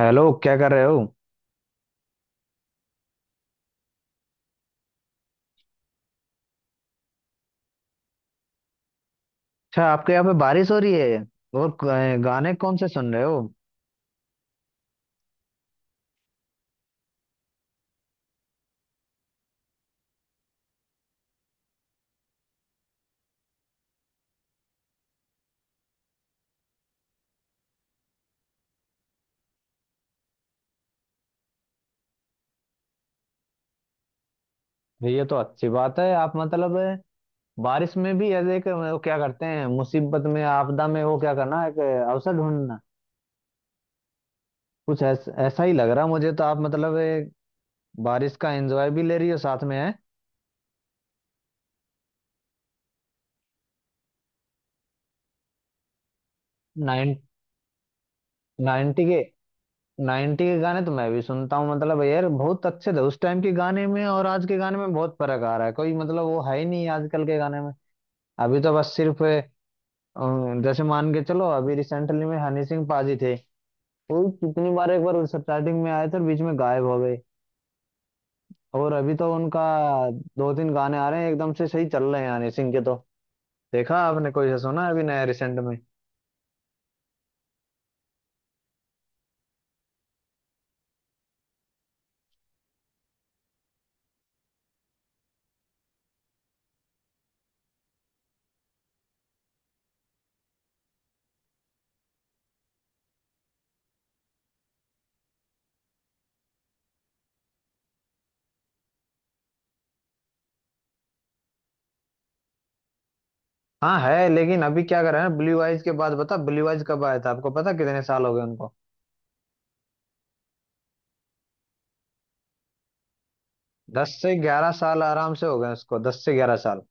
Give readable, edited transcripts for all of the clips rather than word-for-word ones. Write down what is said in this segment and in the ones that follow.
Hello, क्या कर रहे हो। अच्छा, आपके यहाँ पे बारिश हो रही है। और गाने कौन से सुन रहे हो। ये तो अच्छी बात है। आप मतलब बारिश में भी ऐसे एक वो क्या करते हैं, मुसीबत में, आपदा में, वो क्या करना, एक अवसर ढूंढना। ऐसा ही लग रहा मुझे तो। आप मतलब एक बारिश का एंजॉय भी ले रही हो साथ में है। नाइन, नाइन्टी के, नाइन्टी के गाने तो मैं भी सुनता हूँ। मतलब यार बहुत अच्छे थे उस टाइम के गाने। में और आज के गाने में बहुत फर्क आ रहा है, कोई मतलब वो है ही नहीं आजकल के गाने में। अभी तो बस सिर्फ अ, जैसे मान के चलो, अभी रिसेंटली में हनी सिंह पाजी थे। वो कितनी बार, एक बार स्टार्टिंग में आए थे और बीच में गायब हो गए। और अभी तो उनका दो तीन गाने आ रहे हैं, एकदम से सही चल रहे हैं हनी सिंह के। तो देखा आपने, कोई से सुना है अभी नया रिसेंट में। हाँ है, लेकिन अभी क्या कर रहे हैं ब्लू आइज के बाद, बता। ब्लू आइज कब आया था आपको पता, कितने साल हो गए उनको। दस से ग्यारह साल आराम से हो गए उसको, दस से ग्यारह साल।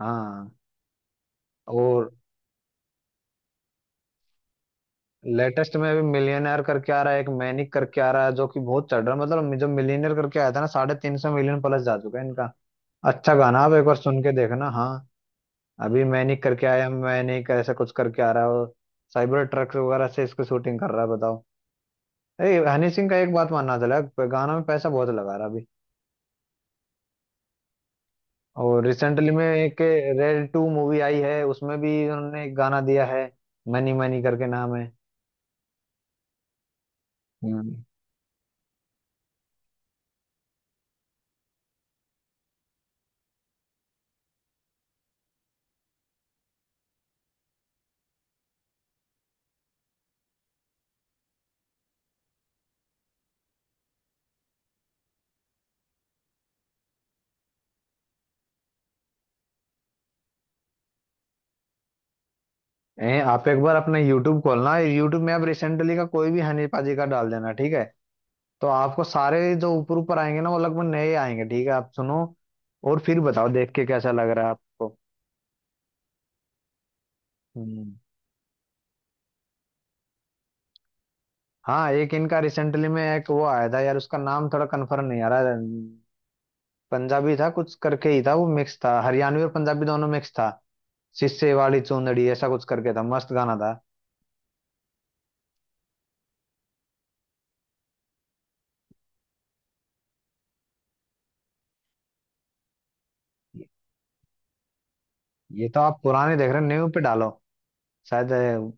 हाँ। और लेटेस्ट में अभी मिलियनेयर करके आ रहा है, एक मैनिक करके आ रहा है, जो कि बहुत चढ़ रहा है। मतलब जब मिलियनेयर करके आया था ना, साढ़े तीन सौ मिलियन प्लस जा चुका है इनका। अच्छा गाना, आप एक बार सुन के देखना। हाँ, अभी मैनिक करके आया, मैनिक ऐसा कुछ करके आ रहा है। और साइबर ट्रक वगैरह से इसकी शूटिंग कर रहा है, बताओ। ए हनी सिंह का एक बात मानना चला, गाना में पैसा बहुत लगा रहा है अभी। और रिसेंटली में एक रेड टू मूवी आई है, उसमें भी उन्होंने एक गाना दिया है, मनी मनी करके नाम है। आप एक बार अपना यूट्यूब खोलना। यूट्यूब में आप रिसेंटली का कोई भी हनी पाजी का डाल देना, ठीक है। तो आपको सारे जो ऊपर ऊपर आएंगे ना वो लगभग नए आएंगे, ठीक है। आप सुनो और फिर बताओ देख के कैसा लग रहा है आपको। हम्म। हाँ, एक इनका रिसेंटली में एक वो आया था यार, उसका नाम थोड़ा कंफर्म नहीं आ रहा। पंजाबी था, कुछ करके ही था, वो मिक्स था, हरियाणवी और पंजाबी दोनों मिक्स था। सिस्से वाली चुंदड़ी ऐसा कुछ करके था, मस्त गाना था। ये ये तो आप पुराने देख रहे हो, न्यू पे डालो। शायद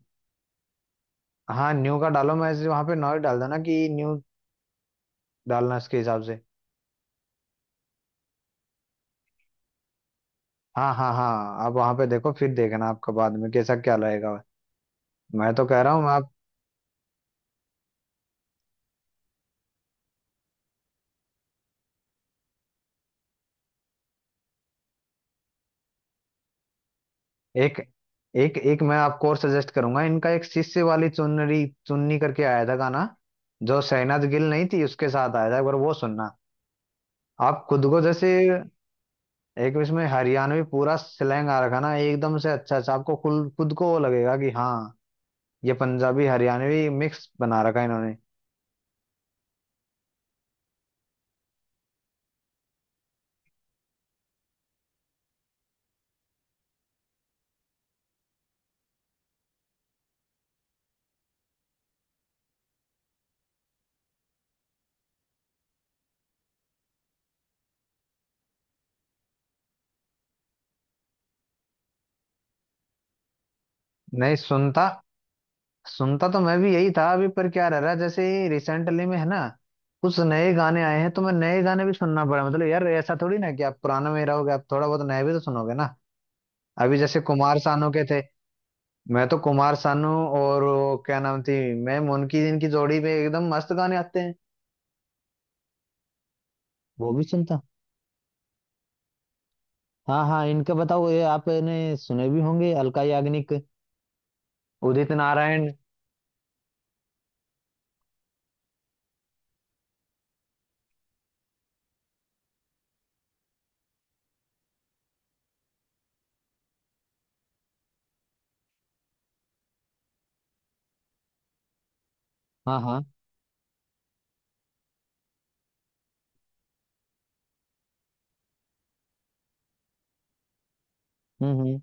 हाँ न्यू का डालो, मैं वहां पे नॉइज डाल देना कि न्यू डालना इसके हिसाब से। हाँ हाँ हाँ, आप वहां पे देखो, फिर देखना आपका बाद में कैसा क्या रहेगा। मैं तो कह रहा हूँ आप एक एक, एक मैं आपको और सजेस्ट करूंगा इनका एक शिष्य वाली चुनरी चुन्नी करके आया था गाना, जो शहनाज गिल नहीं थी उसके साथ आया था एक बार, वो सुनना। आप खुद को जैसे एक इसमें हरियाणवी पूरा स्लैंग आ रखा ना एकदम से अच्छा अच्छा, आपको खुद खुद को वो लगेगा कि हाँ ये पंजाबी हरियाणवी मिक्स बना रखा है इन्होंने। नहीं सुनता, सुनता तो मैं भी यही था अभी। पर क्या रह रहा है, जैसे रिसेंटली में है ना, कुछ नए गाने आए हैं तो मैं नए गाने भी सुनना पड़ा। मतलब यार, ऐसा थोड़ी ना कि आप पुराना में ही रहोगे, आप थोड़ा बहुत नया भी तो सुनोगे ना। अभी जैसे कुमार सानू के थे। मैं तो कुमार सानू और वो क्या नाम थी मैम उनकी, जिनकी जोड़ी पे एकदम मस्त गाने आते हैं, वो भी सुनता। हाँ हाँ, इनका बताओ, ये आपने सुने भी होंगे, अलका याग्निक, उदित नारायण। हाँ हाँ। हम्म।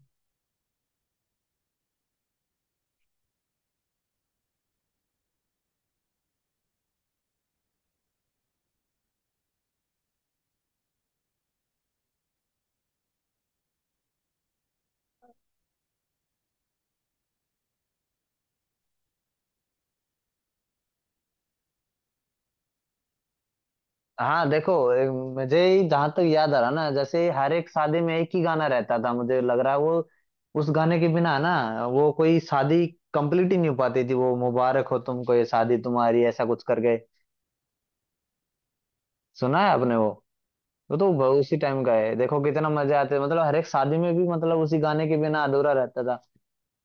हाँ देखो मुझे ही जहाँ तक याद आ रहा ना, जैसे हर एक शादी में एक ही गाना रहता था मुझे लग रहा है, वो उस गाने के बिना ना वो कोई शादी कंप्लीट ही नहीं हो पाती थी। वो मुबारक हो तुमको ये शादी तुम्हारी ऐसा कुछ करके, सुना है आपने वो। उसी टाइम का है, देखो कितना मजे आते हैं। मतलब हर एक शादी में भी, मतलब उसी गाने के बिना अधूरा रहता था।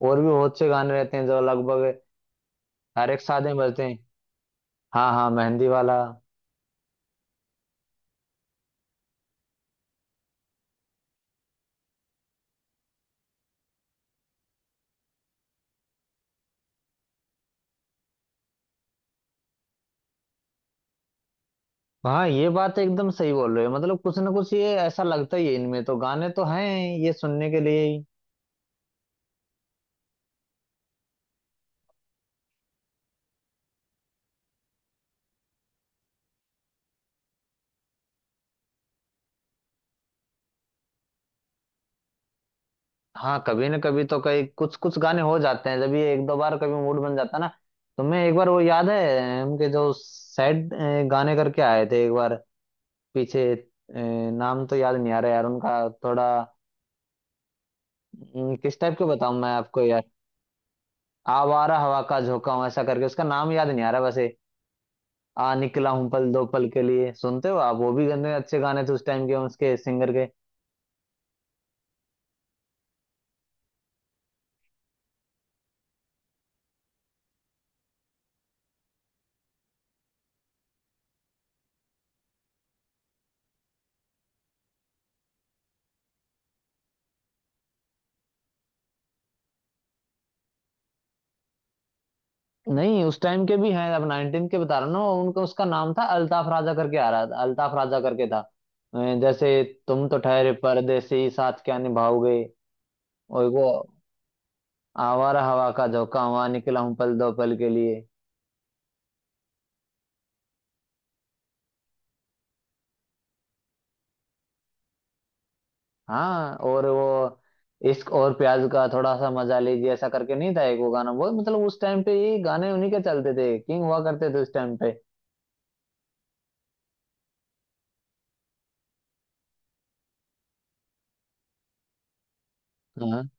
और भी बहुत से गाने रहते हैं जो लगभग हर एक शादी में बजते हैं। हाँ हाँ, मेहंदी वाला। हाँ, ये बात एकदम सही बोल रहे हो। मतलब कुछ ना कुछ ये ऐसा लगता ही है इनमें, तो गाने तो हैं ये सुनने के लिए ही। हाँ कभी ना कभी तो कई, कुछ कुछ गाने हो जाते हैं जब, ये एक दो बार कभी मूड बन जाता है ना। तो मैं एक बार, वो याद है हम के जो सैड गाने करके आए थे एक बार पीछे, नाम तो याद नहीं आ रहा यार उनका, थोड़ा, किस टाइप के बताऊं मैं आपको यार। आवारा हवा का झोंका हूं ऐसा करके, उसका नाम याद नहीं आ रहा वैसे। आ निकला हूं पल दो पल के लिए, सुनते हो आप, वो भी गंदे अच्छे गाने थे उस टाइम के उसके सिंगर के। नहीं उस टाइम के भी हैं, अब 19 के बता रहा हूँ ना उनका। उसका नाम था अल्ताफ राजा करके आ रहा था, अल्ताफ राजा करके था। जैसे तुम तो ठहरे परदेसी, साथ क्या निभाओगे। और वो आवारा हवा का झोंका हुआ, निकला हूँ पल दो पल के लिए। हाँ। और वो इश्क और प्याज का थोड़ा सा मजा लीजिए, ऐसा करके नहीं था एक वो गाना। वो मतलब उस टाइम पे ये गाने उन्हीं के चलते थे, किंग हुआ करते थे उस टाइम पे। हाँ।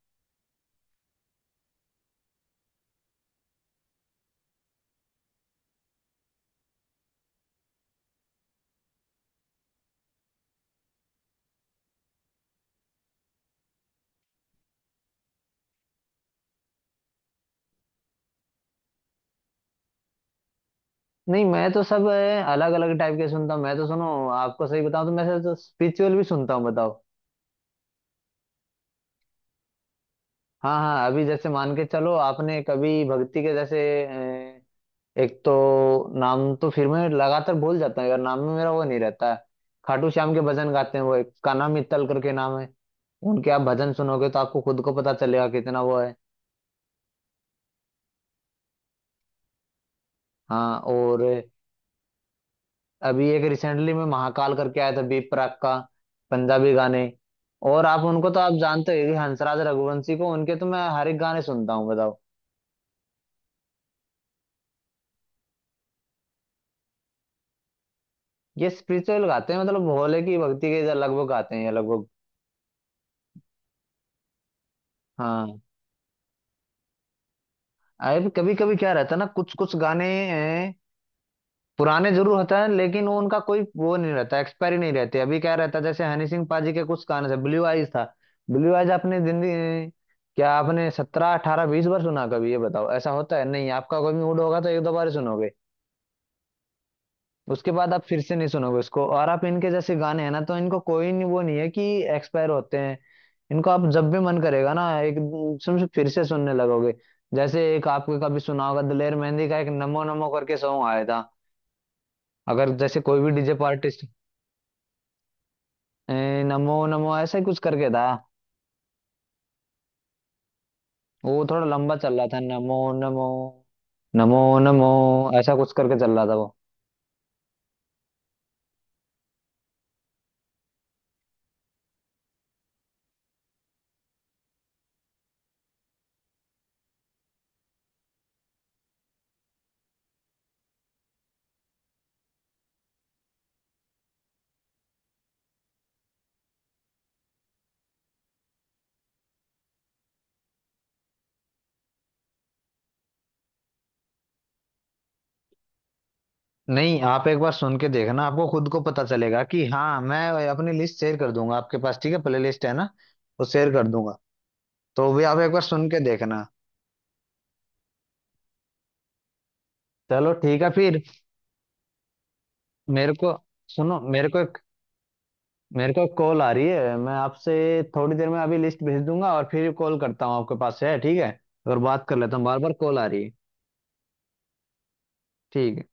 नहीं मैं तो सब अलग अलग टाइप के सुनता हूँ। मैं तो सुनो, आपको सही बताऊं तो मैं तो स्पिरिचुअल भी सुनता हूँ, बताओ। हाँ हाँ, अभी जैसे मान के चलो, आपने कभी भक्ति के जैसे अ, एक तो नाम तो फिर मैं लगातार भूल जाता हूँ यार, नाम में मेरा वो नहीं रहता है। खाटू श्याम के भजन गाते हैं वो एक, कान्हा मित्तल करके नाम है। उनके आप भजन सुनोगे तो आपको खुद को पता चलेगा कितना वो है। हाँ। और अभी एक रिसेंटली में महाकाल करके आया था, बी प्राक का पंजाबी गाने। और आप उनको तो आप जानते हो कि हंसराज रघुवंशी को, उनके तो मैं हर एक गाने सुनता हूँ, बताओ। ये स्पिरिचुअल गाते हैं, मतलब भोले की भक्ति के लगभग गाते हैं ये लगभग। हाँ। अरे कभी कभी क्या रहता है ना, कुछ कुछ गाने हैं, पुराने जरूर होता है लेकिन वो उनका कोई वो नहीं रहता, एक्सपायरी नहीं रहती। अभी क्या रहता है, जैसे हनी सिंह पाजी के कुछ गाने थे, ब्लू आइज था। ब्लू आइज आपने जिंदगी अ, क्या आपने सत्रह अठारह बीस बार सुना कभी, ये बताओ ऐसा होता है। नहीं, आपका कोई मूड होगा तो एक दो बार ही सुनोगे, उसके बाद आप फिर से नहीं सुनोगे उसको। और आप इनके जैसे गाने हैं ना, तो इनको कोई नहीं, वो नहीं है कि एक्सपायर होते हैं। इनको आप जब भी मन करेगा ना एकदम से फिर से सुनने लगोगे। जैसे एक आपको कभी सुना होगा, दिलेर मेहंदी का एक नमो नमो करके सॉन्ग आया था। अगर जैसे कोई भी डीजे आर्टिस्ट नमो नमो ऐसा ही कुछ करके था। वो थोड़ा लंबा चल रहा था, नमो नमो नमो नमो ऐसा कुछ करके चल रहा था वो। नहीं आप एक बार सुन के देखना, आपको खुद को पता चलेगा कि हाँ। मैं अपनी लिस्ट शेयर कर दूंगा आपके पास, ठीक है, प्ले लिस्ट है ना, वो शेयर कर दूंगा, तो भी आप एक बार सुन के देखना। चलो ठीक है फिर। मेरे को, सुनो मेरे को एक, मेरे को कॉल आ रही है, मैं आपसे थोड़ी देर में अभी लिस्ट भेज दूंगा और फिर कॉल करता हूँ आपके पास है ठीक है। और बात कर लेता हूँ, बार बार कॉल आ रही है। ठीक है।